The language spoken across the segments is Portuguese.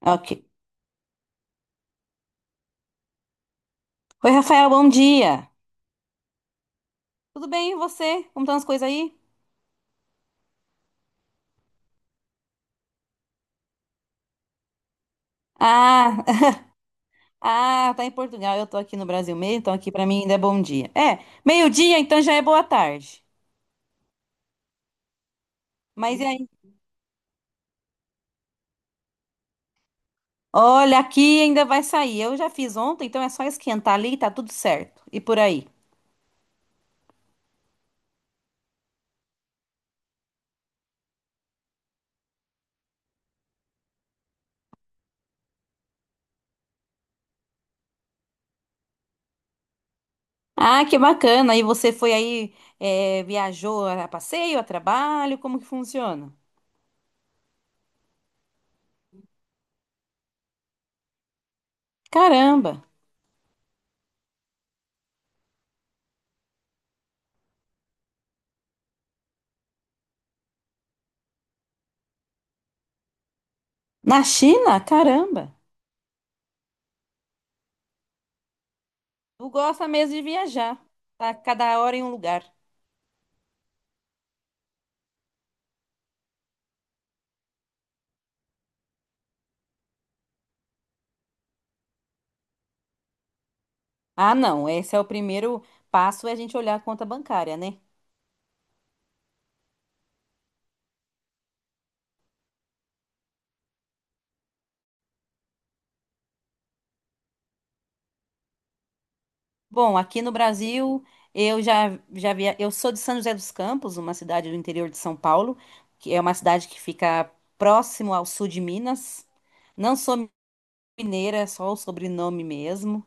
Ok. Oi, Rafael, bom dia. Tudo bem, e você? Como estão as coisas aí? Ah, ah, tá em Portugal, eu tô aqui no Brasil mesmo, então aqui pra mim ainda é bom dia. É, meio-dia, então já é boa tarde. Mas e aí? Olha, aqui ainda vai sair. Eu já fiz ontem, então é só esquentar ali e tá tudo certo. E por aí. Ah, que bacana. E você foi aí, é, viajou a passeio, a trabalho? Como que funciona? Caramba! Na China? Caramba! Tu gosta mesmo de viajar. Tá cada hora em um lugar. Ah, não, esse é o primeiro passo, é a gente olhar a conta bancária, né? Bom, aqui no Brasil, eu já via, eu sou de São José dos Campos, uma cidade do interior de São Paulo, que é uma cidade que fica próximo ao sul de Minas. Não sou mineira, é só o sobrenome mesmo.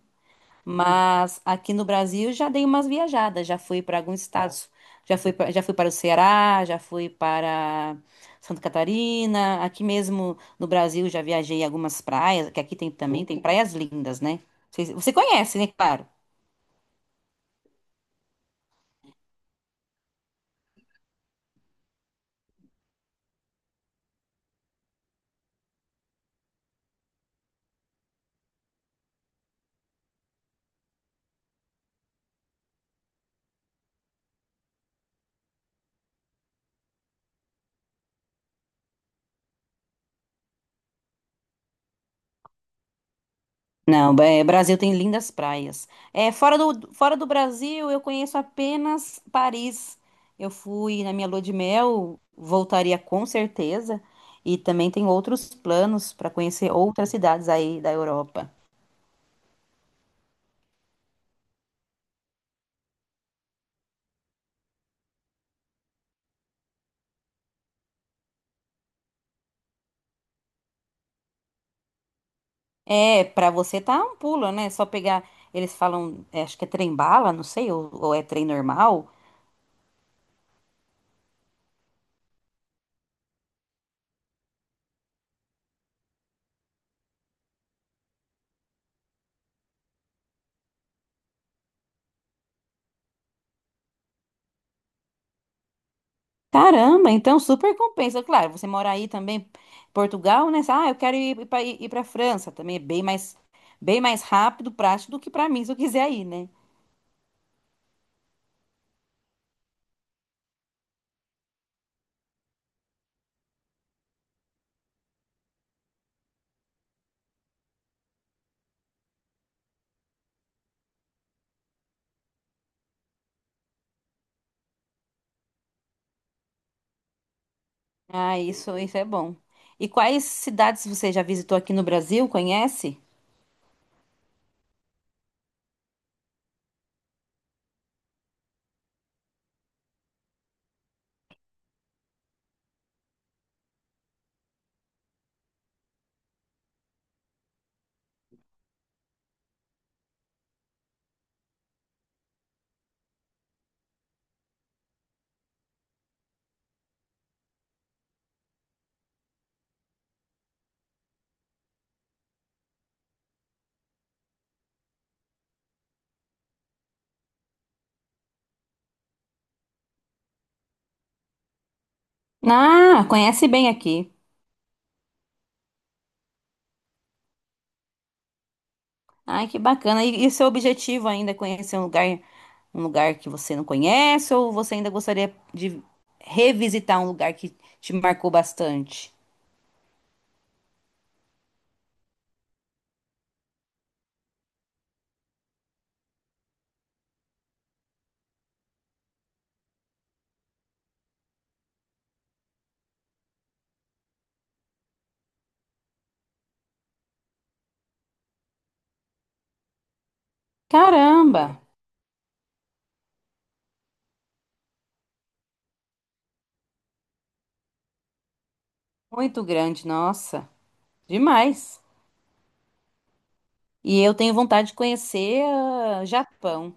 Mas aqui no Brasil já dei umas viajadas, já fui para alguns estados, já fui, já fui para o Ceará, já fui para Santa Catarina, aqui mesmo no Brasil já viajei em algumas praias, que aqui tem também, tem praias lindas, né? Você conhece, né? Claro. Não, é, Brasil tem lindas praias. É, fora do Brasil, eu conheço apenas Paris. Eu fui na minha lua de mel, voltaria com certeza. E também tem outros planos para conhecer outras cidades aí da Europa. É, para você tá um pulo, né? Só pegar. Eles falam, é, acho que é trem bala, não sei, ou é trem normal. Caramba, então super compensa. Claro, você mora aí também, Portugal, né? Ah, eu quero ir para França também, é bem mais rápido, prático do que para mim, se eu quiser ir, né? Ah, isso é bom. E quais cidades você já visitou aqui no Brasil? Conhece? Ah, conhece bem aqui. Ai, que bacana. E seu objetivo ainda é conhecer um lugar que você não conhece, ou você ainda gostaria de revisitar um lugar que te marcou bastante? Caramba! Muito grande, nossa, demais. E eu tenho vontade de conhecer Japão.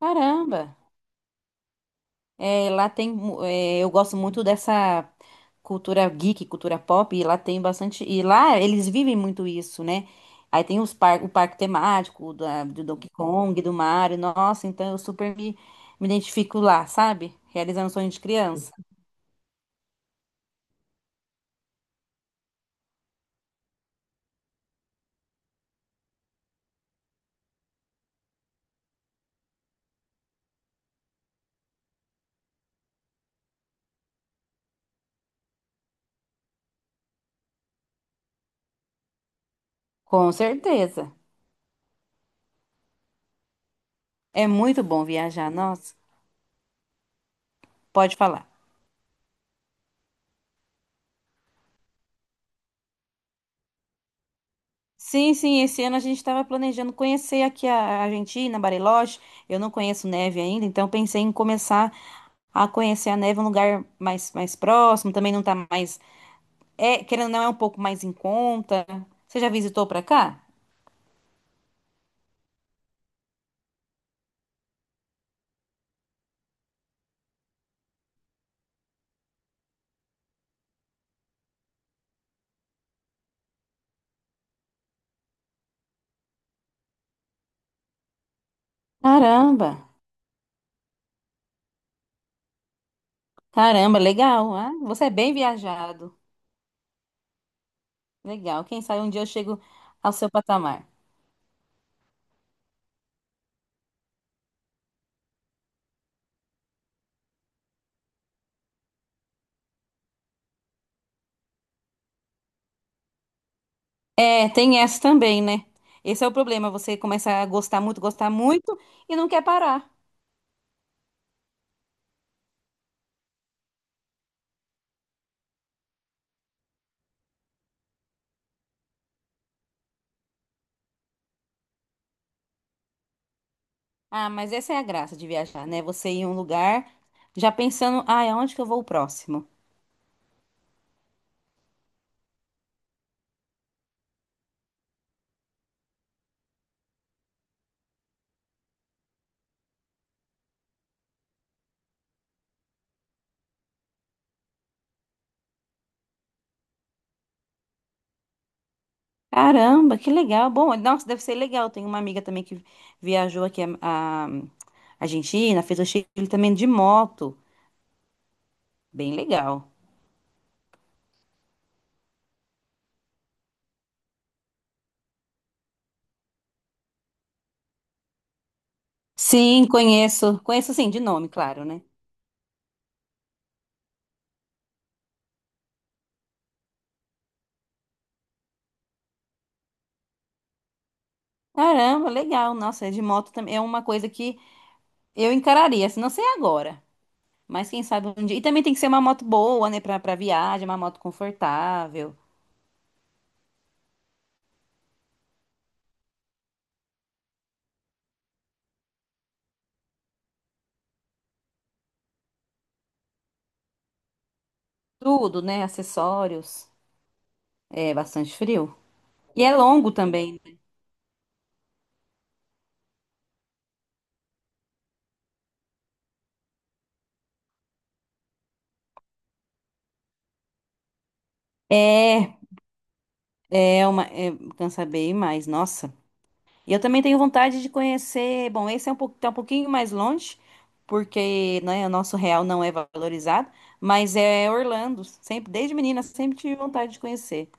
Caramba, é, lá tem, é, eu gosto muito dessa cultura geek, cultura pop, e lá tem bastante, e lá eles vivem muito isso, né? Aí tem os par, o parque temático da, do Donkey Kong, do Mario, nossa, então eu me identifico lá, sabe? Realizando sonho de criança. Com certeza. É muito bom viajar, nossa, pode falar. Sim, esse ano a gente estava planejando conhecer aqui a Argentina, Bariloche. Eu não conheço neve ainda, então pensei em começar a conhecer a neve em um lugar mais próximo. Também não tá mais. É, querendo ou não, é um pouco mais em conta. Você já visitou pra cá? Caramba! Caramba, legal. Ah, você é bem viajado. Legal. Quem sabe um dia eu chego ao seu patamar. É, tem essa também, né? Esse é o problema. Você começa a gostar muito e não quer parar. Ah, mas essa é a graça de viajar, né? Você ir em um lugar já pensando, ah, aonde que eu vou o próximo? Caramba, que legal. Bom, nossa, deve ser legal. Tem uma amiga também que viajou aqui a Argentina, fez o Chile também de moto. Bem legal. Sim, conheço. Conheço sim, de nome, claro, né? Caramba, legal. Nossa, é de moto também. É uma coisa que eu encararia, se não sei agora. Mas quem sabe um dia. E também tem que ser uma moto boa, né? Pra viagem, uma moto confortável. Tudo, né? Acessórios. É bastante frio. E é longo também. Né? É, é uma. É, cansa bem mais, nossa. E eu também tenho vontade de conhecer. Bom, esse é um, tá um pouquinho mais longe, porque, né, o nosso real não é valorizado, mas é Orlando. Sempre, desde menina, sempre tive vontade de conhecer.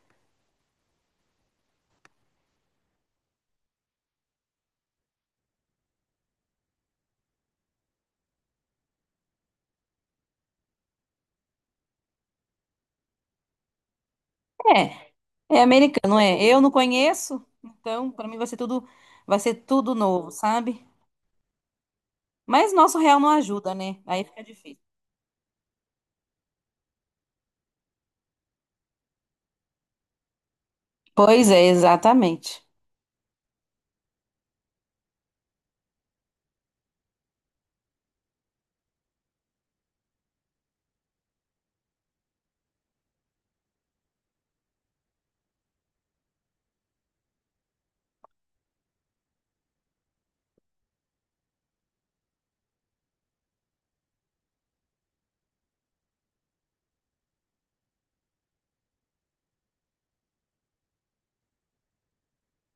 É, é americano, é. Eu não conheço, então para mim vai ser tudo novo, sabe? Mas nosso real não ajuda, né? Aí fica difícil. Pois é, exatamente.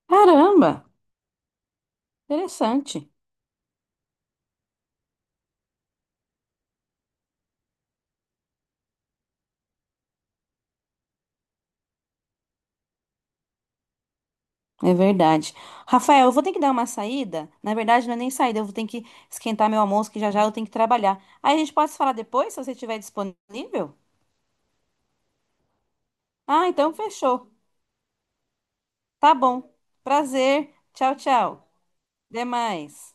Caramba, interessante. É verdade. Rafael, eu vou ter que dar uma saída. Na verdade, não é nem saída, eu vou ter que esquentar meu almoço, que já já eu tenho que trabalhar. Aí a gente pode se falar depois, se você estiver disponível? Ah, então fechou. Tá bom. Prazer. Tchau, tchau. Até mais.